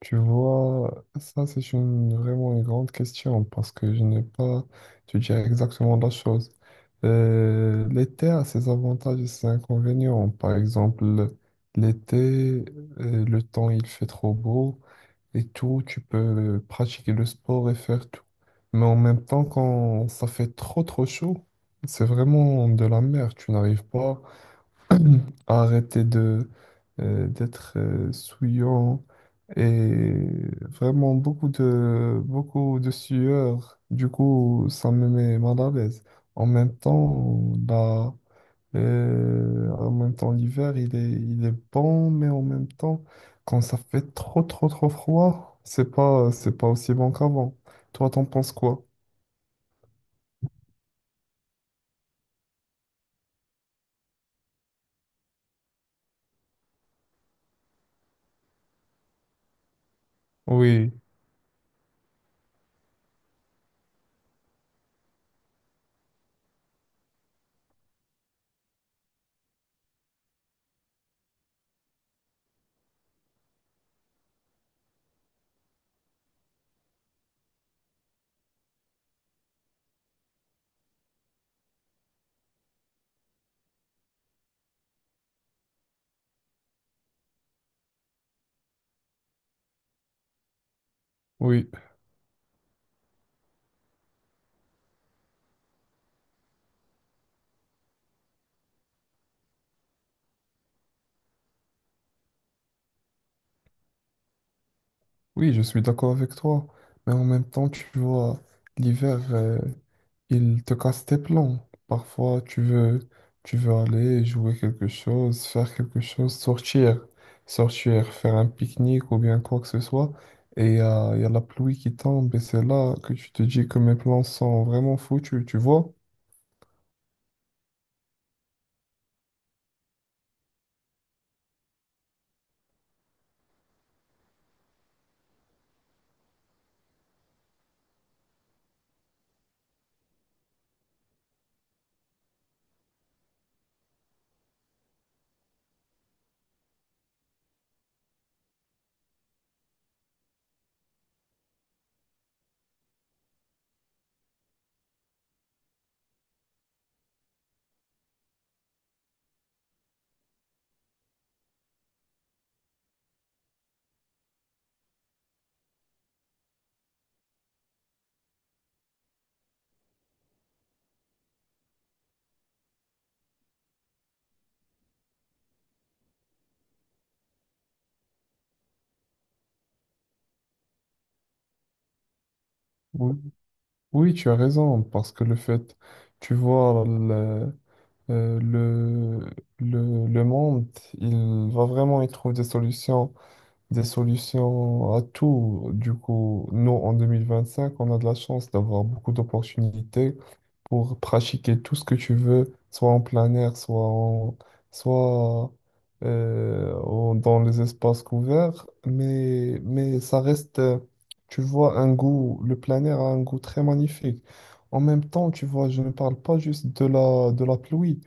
Tu vois, ça c'est vraiment une grande question parce que je n'ai pas, je dirais exactement la chose. L'été a ses avantages et ses inconvénients. Par exemple, l'été, le temps il fait trop beau et tout, tu peux pratiquer le sport et faire tout. Mais en même temps, quand ça fait trop trop chaud, c'est vraiment de la merde. Tu n'arrives pas arrêter de d'être souillant et vraiment beaucoup de sueur. Du coup, ça me met mal à l'aise. En même temps, la- en même temps, l'hiver, il est bon, mais en même temps, quand ça fait trop trop trop froid, c'est pas aussi bon qu'avant. Toi, t'en penses quoi? Oui, oui, oui, je suis d'accord avec toi. Mais en même temps, tu vois, l'hiver. Ils te cassent tes plans. Parfois, tu veux aller jouer quelque chose, faire quelque chose, sortir, sortir, faire un pique-nique ou bien quoi que ce soit. Et y a la pluie qui tombe et c'est là que tu te dis que mes plans sont vraiment foutus, tu vois? Oui, oui, tu as raison, parce que le fait, tu vois, euh, le, le monde, il va vraiment y trouver des solutions à tout. Du coup, nous, en 2025, on a de la chance d'avoir beaucoup d'opportunités pour pratiquer tout ce que tu veux, soit en plein air, soit dans les espaces couverts. Mais ça reste, tu vois, un goût, le plein air a un goût très magnifique. En même temps, tu vois, je ne parle pas juste de de la pluie.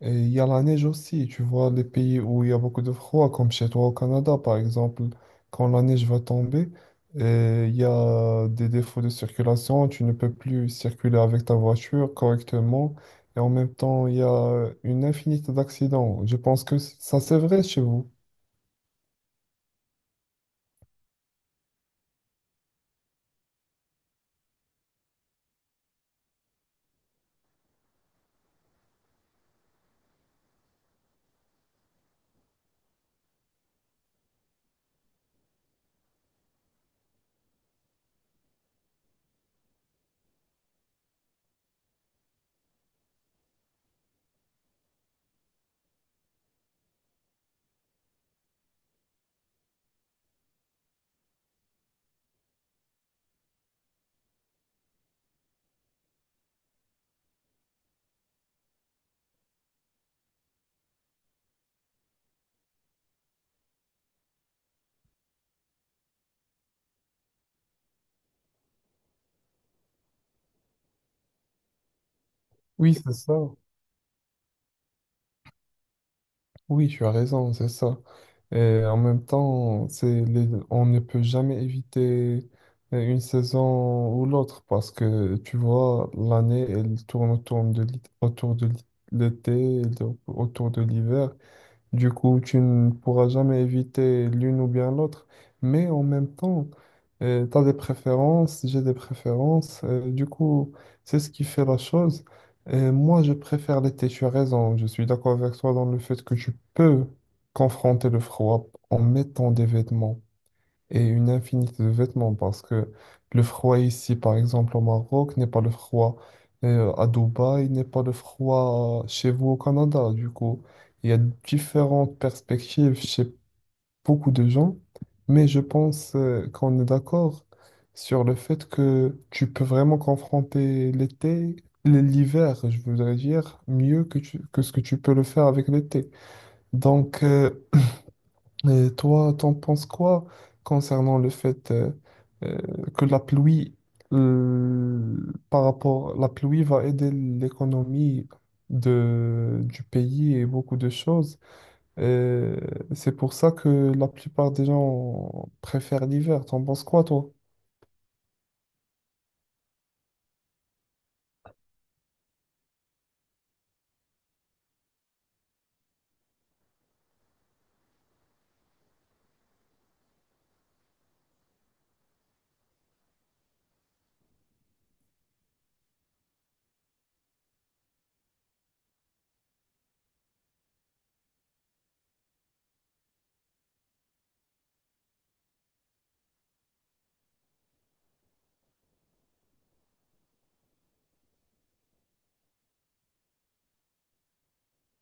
Et il y a la neige aussi, tu vois, les pays où il y a beaucoup de froid, comme chez toi au Canada, par exemple, quand la neige va tomber, il y a des défauts de circulation, tu ne peux plus circuler avec ta voiture correctement, et en même temps, il y a une infinité d'accidents. Je pense que ça, c'est vrai chez vous. Oui, c'est ça. Oui, tu as raison, c'est ça. Et en même temps, c'est on ne peut jamais éviter une saison ou l'autre parce que tu vois, l'année, elle tourne l'été, autour de l'hiver. Du coup, tu ne pourras jamais éviter l'une ou bien l'autre. Mais en même temps, tu as des préférences, j'ai des préférences. Du coup, c'est ce qui fait la chose. Et moi, je préfère l'été. Tu as raison. Je suis d'accord avec toi dans le fait que tu peux confronter le froid en mettant des vêtements et une infinité de vêtements parce que le froid ici, par exemple au Maroc, n'est pas le froid à Dubaï, n'est pas le froid chez vous au Canada. Du coup, il y a différentes perspectives chez beaucoup de gens, mais je pense qu'on est d'accord sur le fait que tu peux vraiment confronter l'été. L'hiver, je voudrais dire, mieux que, que ce que tu peux le faire avec l'été. Donc, et toi, t'en penses quoi concernant le fait euh, que la pluie, euh, par rapport, la pluie va aider l'économie de, du pays et beaucoup de choses. Euh, c'est pour ça que la plupart des gens préfèrent l'hiver. T'en penses quoi, toi?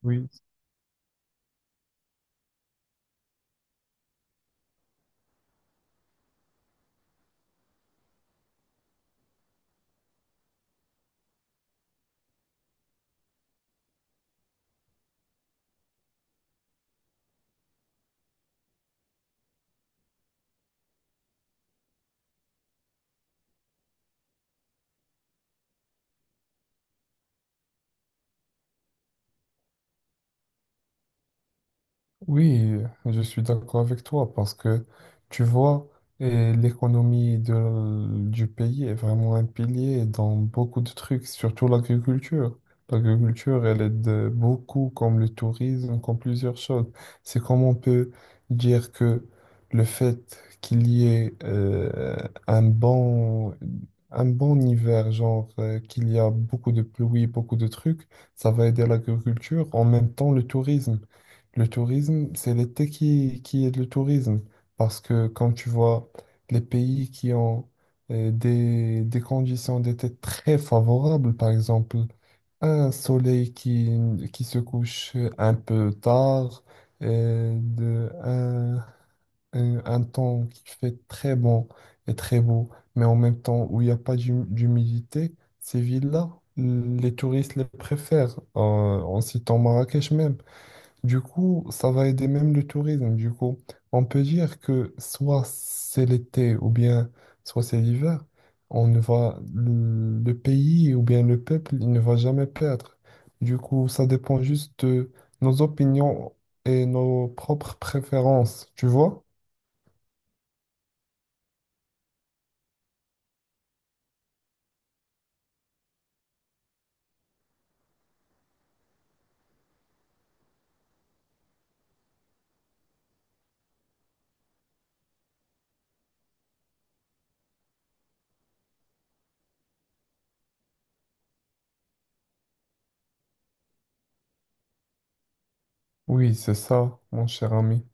Oui. Oui, je suis d'accord avec toi parce que tu vois, eh, l'économie du pays est vraiment un pilier dans beaucoup de trucs, surtout l'agriculture. L'agriculture, elle aide beaucoup, comme le tourisme, comme plusieurs choses. C'est comme on peut dire que le fait qu'il y ait un bon, un bon hiver, genre qu'il y a beaucoup de pluie, beaucoup de trucs, ça va aider l'agriculture, en même temps le tourisme. Le tourisme, c'est l'été qui est le tourisme. Parce que quand tu vois les pays qui ont des conditions d'été très favorables, par exemple, un soleil qui se couche un peu tard, euh, de, un, un temps qui fait très bon et très beau, mais en même temps où il n'y a pas d'humidité, ces villes-là, les touristes les préfèrent, en citant Marrakech même. Du coup, ça va aider même le tourisme. Du coup, on peut dire que soit c'est l'été ou bien soit c'est l'hiver, on ne va le pays ou bien le peuple, il ne va jamais perdre. Du coup, ça dépend juste de nos opinions et nos propres préférences, tu vois? Oui, c'est ça, mon cher ami.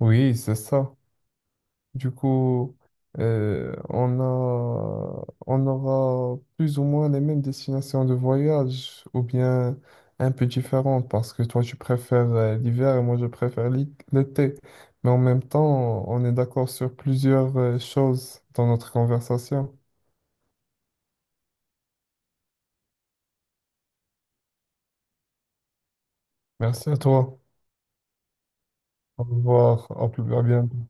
Oui, c'est ça. Du coup, on aura plus ou moins les mêmes destinations de voyage, ou bien un peu différentes, parce que toi, tu préfères l'hiver et moi, je préfère l'été. Mais en même temps, on est d'accord sur plusieurs choses dans notre conversation. Merci à toi. Au revoir. À plus à bientôt.